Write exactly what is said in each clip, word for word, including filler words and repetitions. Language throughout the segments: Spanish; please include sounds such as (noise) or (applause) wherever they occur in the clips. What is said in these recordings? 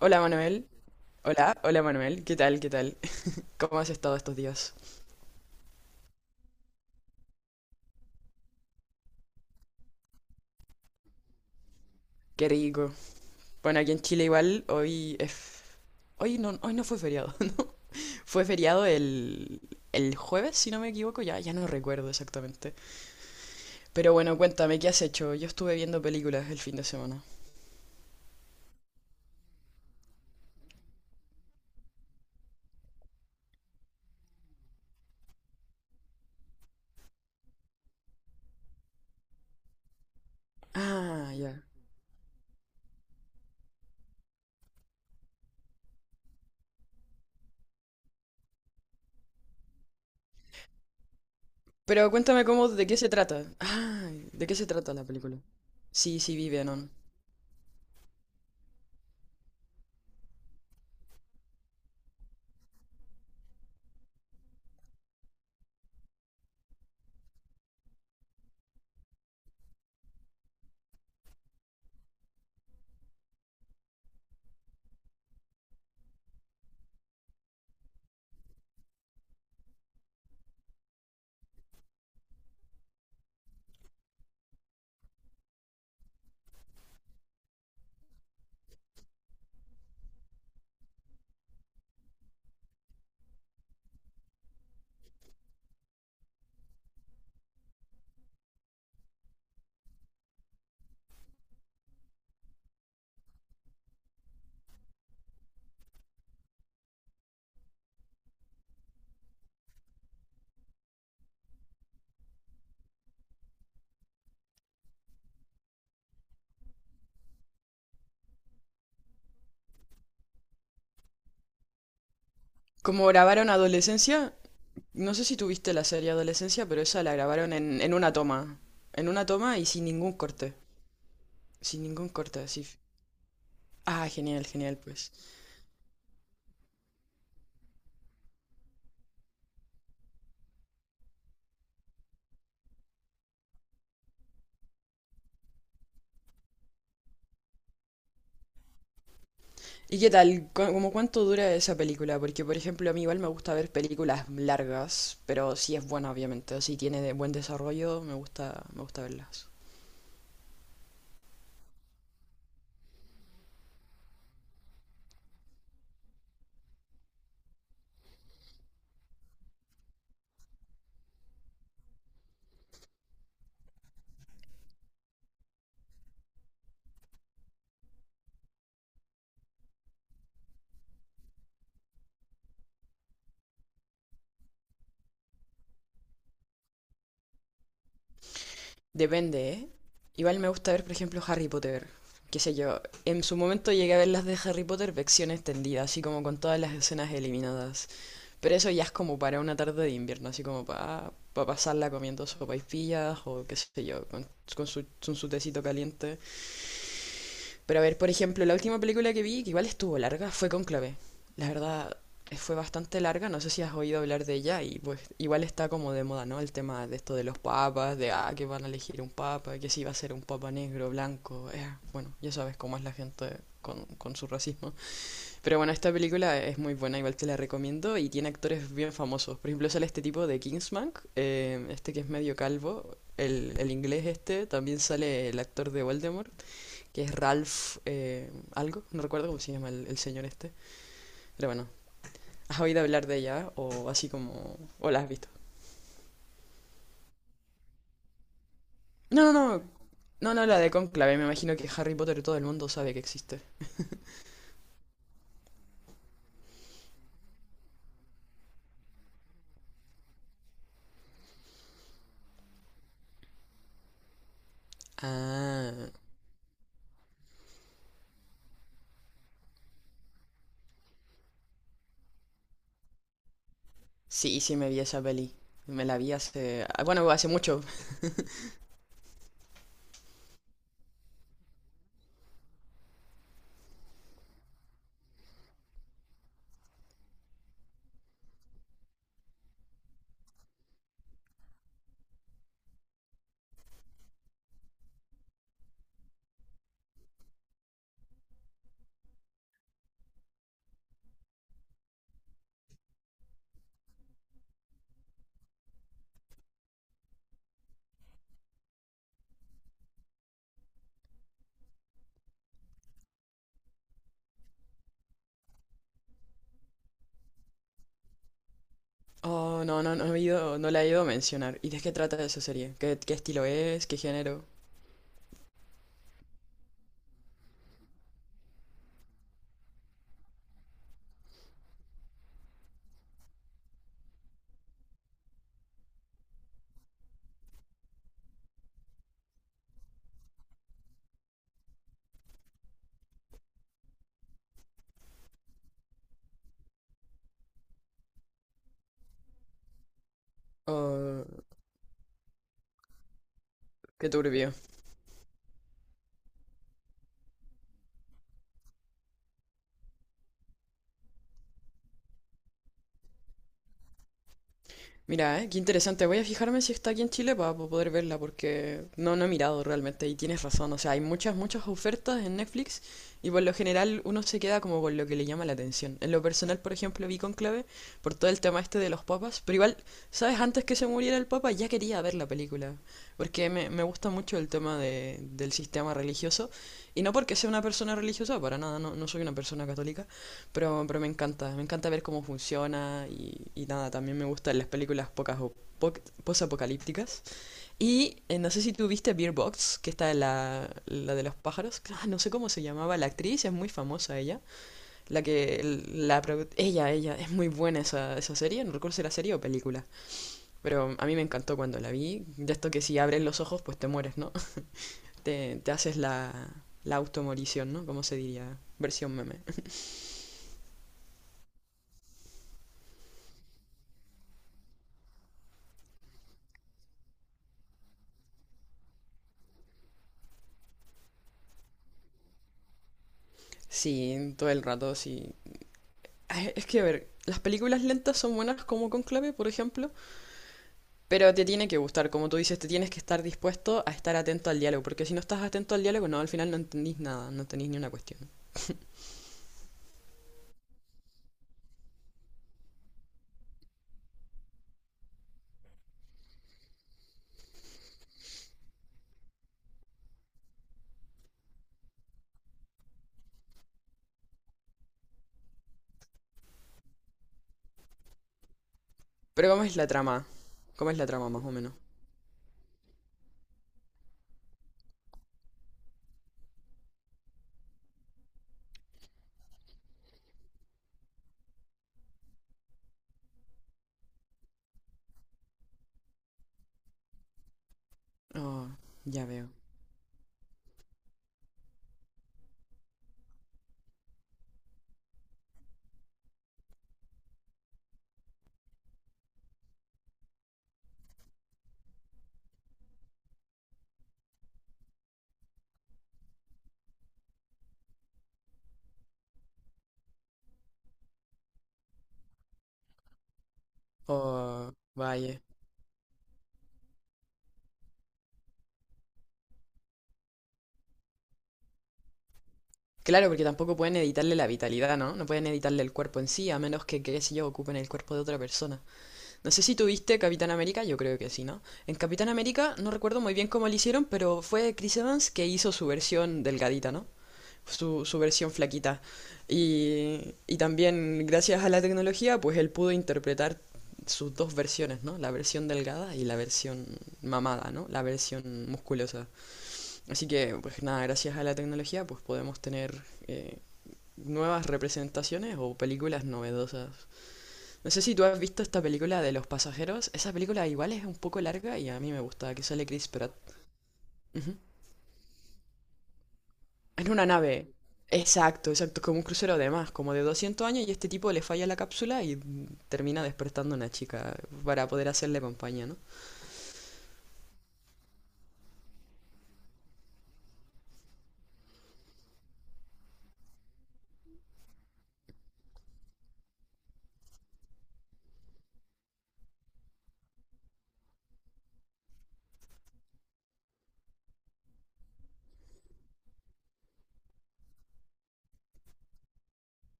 Hola Manuel, hola, hola Manuel, ¿qué tal, qué tal? (laughs) ¿Cómo has estado estos días? Qué rico. Bueno, aquí en Chile igual, hoy es... Hoy no, hoy no fue feriado. (laughs) Fue feriado el, el jueves, si no me equivoco, ya, ya no recuerdo exactamente. Pero bueno, cuéntame, ¿qué has hecho? Yo estuve viendo películas el fin de semana. Ah, ya. Pero cuéntame cómo, de qué se trata. Ah, ¿de qué se trata la película? Sí, sí, vi Venom. ¿Cómo grabaron adolescencia? No sé si tuviste la serie Adolescencia, pero esa la grabaron en, en una toma. En una toma y sin ningún corte. Sin ningún corte, así. Ah, genial, genial, pues. ¿Y qué tal? ¿Cu- ¿Cómo cuánto dura esa película? Porque, por ejemplo, a mí igual me gusta ver películas largas, pero si es buena, obviamente, o si tiene de buen desarrollo, me gusta, me gusta verlas. Depende, ¿eh? Igual me gusta ver, por ejemplo, Harry Potter. Qué sé yo, en su momento llegué a ver las de Harry Potter versión extendida, así como con todas las escenas eliminadas. Pero eso ya es como para una tarde de invierno, así como para pasarla comiendo sopaipillas o qué sé yo, con, con su, con su tecito caliente. Pero a ver, por ejemplo, la última película que vi, que igual estuvo larga, fue Cónclave. La verdad, eh, fue bastante larga, no sé si has oído hablar de ella y pues igual está como de moda, ¿no? El tema de esto de los papas, de ah, que van a elegir un papa, que si va a ser un papa negro, blanco, eh, bueno, ya sabes cómo es la gente con, con su racismo. Pero bueno, esta película es muy buena, igual te la recomiendo, y tiene actores bien famosos. Por ejemplo, sale este tipo de Kingsman, eh, este que es medio calvo, el, el inglés este, también sale el actor de Voldemort, que es Ralph eh, algo, no recuerdo cómo se llama el, el señor este, pero bueno, ¿has oído hablar de ella o así como... o la has visto? No, no, no, no, no, la de Conclave, me imagino que Harry Potter todo el mundo sabe que existe. Ah, sí, sí me vi esa peli, me la vi hace... ah, bueno, hace mucho. Oh, no, no, no he ido, no la he ido a mencionar. ¿Y de qué trata esa serie? ¿Qué, qué estilo es? ¿Qué género? Oh, qué turbio. Mira, eh, qué interesante. Voy a fijarme si está aquí en Chile para poder verla, porque no, no he mirado realmente y tienes razón. O sea, hay muchas, muchas ofertas en Netflix y por lo general uno se queda como con lo que le llama la atención. En lo personal, por ejemplo, vi Conclave por todo el tema este de los papas, pero igual, ¿sabes? Antes que se muriera el papa ya quería ver la película, porque me, me gusta mucho el tema de, del sistema religioso y no porque sea una persona religiosa, para nada, no, no soy una persona católica. Pero, pero me encanta, me encanta ver cómo funciona y, y nada, también me gustan las películas pocas o po- posapocalípticas. Y eh, no sé si tú viste Beer Box, que está la, la de los pájaros. Ah, no sé cómo se llamaba la actriz, es muy famosa ella. La que, la, pro- ella, ella, es muy buena esa, esa serie, no recuerdo si era serie o película. Pero a mí me encantó cuando la vi. De esto que si abres los ojos, pues te mueres, ¿no? (laughs) Te, te haces la, la automorición, ¿no? ¿Cómo se diría, versión meme? Sí, todo el rato, sí. Ay, es que, a ver, las películas lentas son buenas como Conclave, por ejemplo, pero te tiene que gustar, como tú dices, te tienes que estar dispuesto a estar atento al diálogo, porque si no estás atento al diálogo, no, al final no entendís nada, no tenéis ni una cuestión. Pero ¿cómo es la trama? ¿Cómo es la trama, más o menos? Oh, ya veo. Oh, vaya. Claro, porque tampoco pueden editarle la vitalidad, ¿no? No pueden editarle el cuerpo en sí, a menos que, qué sé yo, ocupen el cuerpo de otra persona. No sé si tuviste Capitán América, yo creo que sí, ¿no? En Capitán América no recuerdo muy bien cómo lo hicieron, pero fue Chris Evans que hizo su versión delgadita, ¿no? Su, su versión flaquita. Y, y también gracias a la tecnología, pues él pudo interpretar sus dos versiones, ¿no? La versión delgada y la versión mamada, ¿no? La versión musculosa. Así que, pues nada, gracias a la tecnología, pues podemos tener eh, nuevas representaciones o películas novedosas. No sé si tú has visto esta película de Los Pasajeros. Esa película igual es un poco larga y a mí me gusta, que sale Chris Pratt. Ujú. En una nave. Exacto, exacto, como un crucero de más, como de doscientos años y este tipo le falla la cápsula y mm, termina despertando a una chica para poder hacerle compañía, ¿no?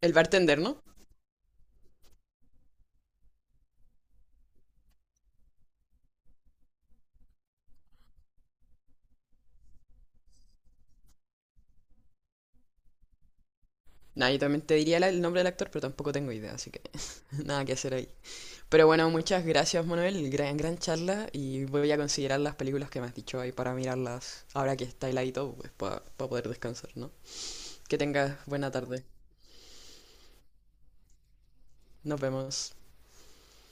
El bartender, ¿no? Nah, yo también te diría la- el nombre del actor, pero tampoco tengo idea, así que (laughs) nada que hacer ahí. Pero bueno, muchas gracias, Manuel. Gran, gran charla y voy a considerar las películas que me has dicho ahí para mirarlas ahora que está heladito, pues para poder descansar, ¿no? Que tengas buena tarde. Nos vemos.